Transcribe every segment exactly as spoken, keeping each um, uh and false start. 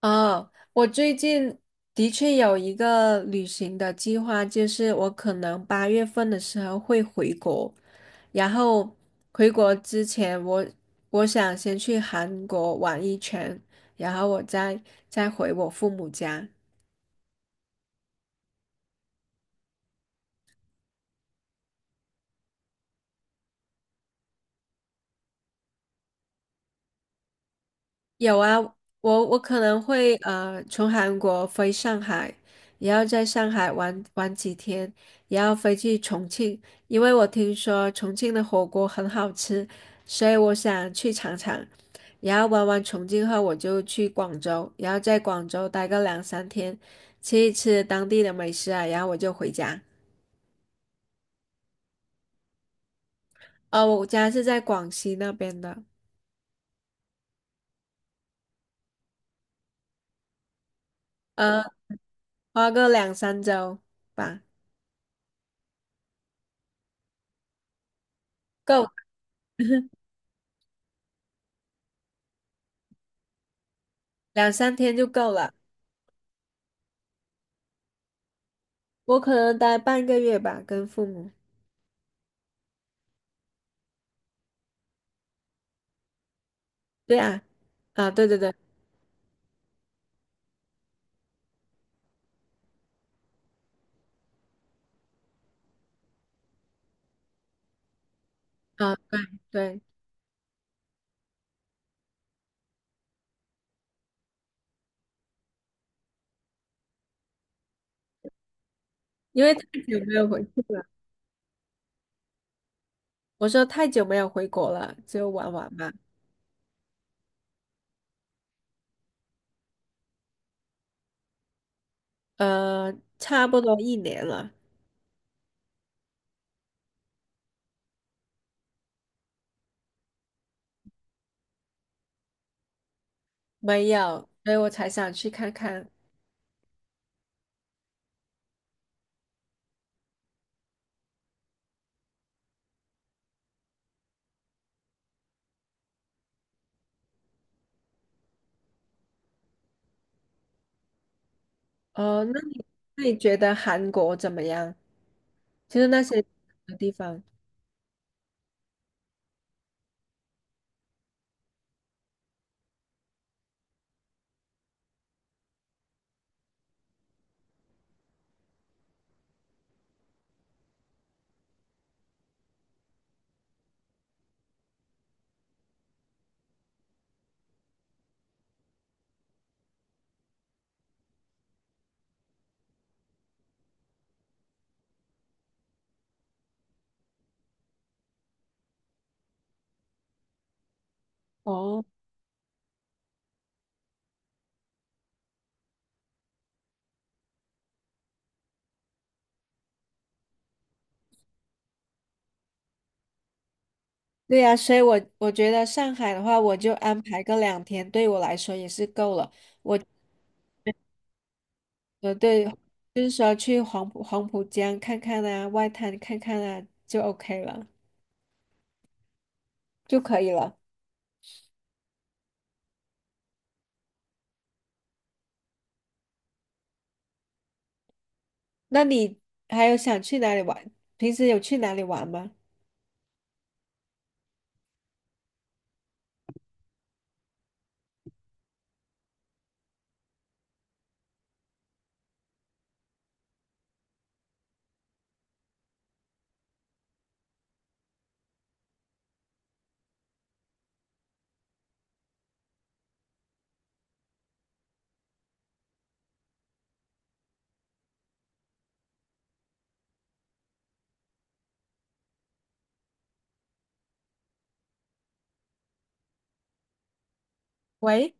哦，我最近的确有一个旅行的计划，就是我可能八月份的时候会回国，然后回国之前我，我想先去韩国玩一圈，然后我再再回我父母家。有啊，我我可能会呃从韩国飞上海，也要在上海玩玩几天，也要飞去重庆，因为我听说重庆的火锅很好吃，所以我想去尝尝。然后玩完重庆后，我就去广州，然后在广州待个两三天，吃一吃当地的美食啊，然后我就回家。呃，我家是在广西那边的，呃，花个两三周吧，够两三天就够了。我可能待半个月吧，跟父母。对啊，啊，对对对，啊，对对，因为太久没有回去了。我说太久没有回国了，就玩玩嘛。呃，差不多一年了，没有，所以我才想去看看。哦，那你那你觉得韩国怎么样？就是那些地方。哦，对呀，所以我我觉得上海的话，我就安排个两天，对我来说也是够了。我。呃，对，就是说去黄浦黄浦江看看啊，外滩看看啊，就 OK 了，就可以了。那你还有想去哪里玩？平时有去哪里玩吗？喂，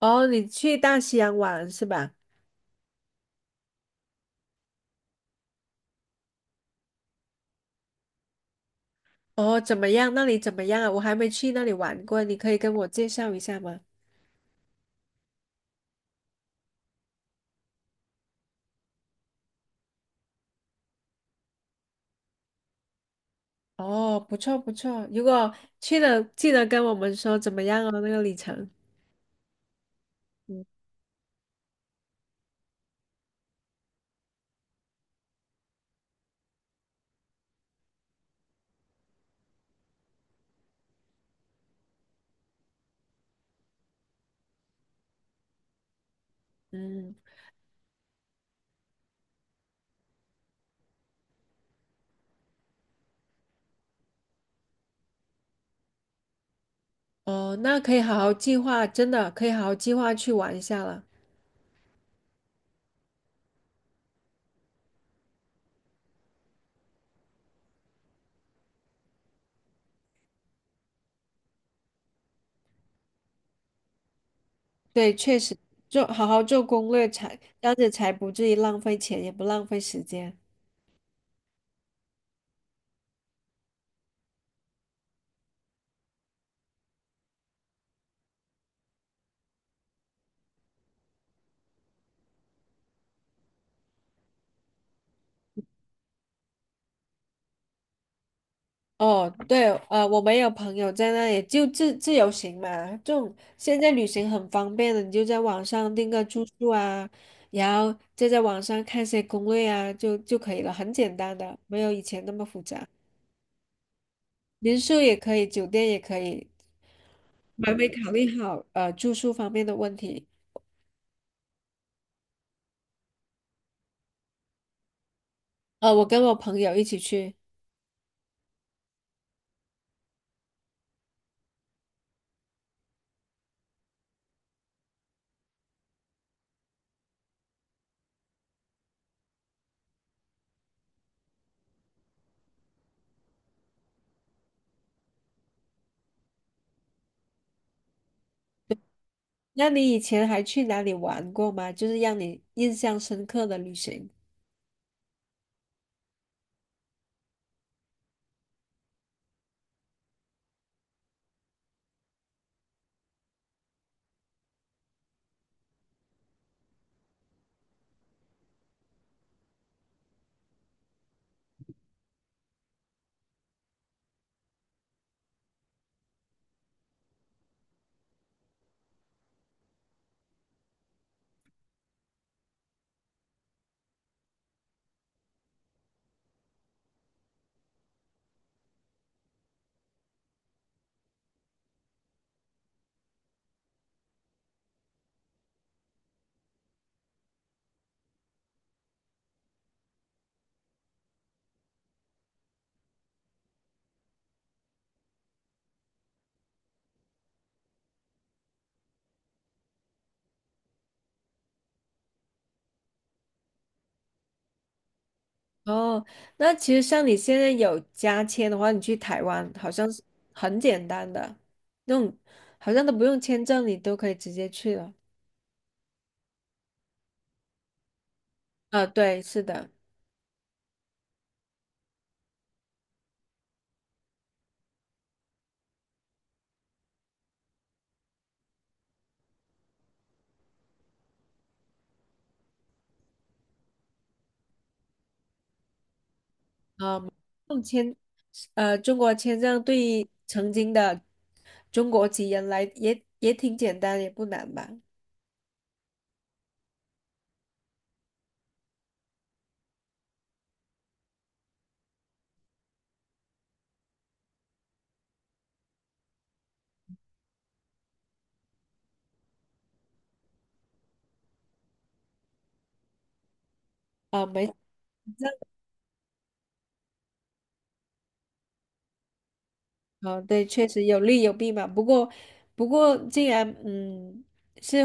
哦，你去大西洋玩是吧？哦，怎么样？那里怎么样啊？我还没去那里玩过，你可以跟我介绍一下吗？哦，不错不错，如果去了，记得跟我们说怎么样哦，那个里程。嗯，哦，那可以好好计划，真的可以好好计划去玩一下了。对，确实，做好好做攻略才，这样子才不至于浪费钱，也不浪费时间。哦，对，呃，我们有朋友在那里就自自由行嘛，这种现在旅行很方便的，你就在网上订个住宿啊，然后再在网上看些攻略啊，就就可以了，很简单的，没有以前那么复杂。民宿也可以，酒店也可以，还没考虑好呃住宿方面的问题。呃，我跟我朋友一起去。那你以前还去哪里玩过吗？就是让你印象深刻的旅行。哦，那其实像你现在有加签的话，你去台湾好像是很简单的，那种好像都不用签证，你都可以直接去了。啊，对，是的，啊，用签，呃，中国签证对于曾经的中国籍人来也也挺简单，也不难吧？啊，没。哦，对，确实有利有弊嘛。不过，不过，既然嗯，是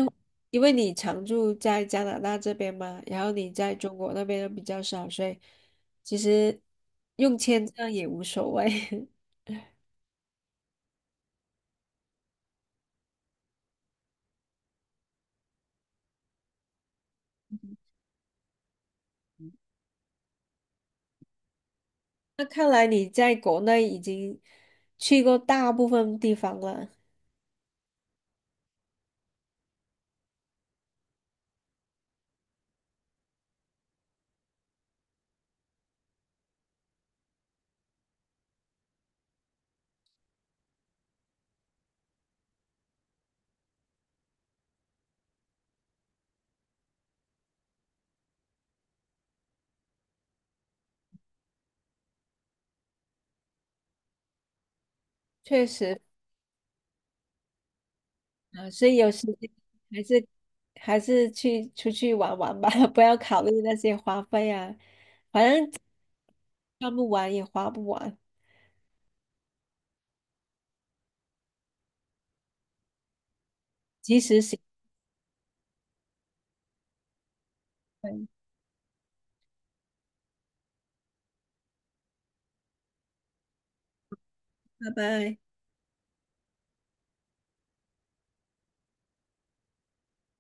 因为你常住在加拿大这边嘛，然后你在中国那边又比较少，所以其实用签证也无所谓。那看来你在国内已经去过大部分地方了，确实啊，所以有时间还是还是去出去玩玩吧，不要考虑那些花费啊，反正看不完也花不完，及时行。拜拜。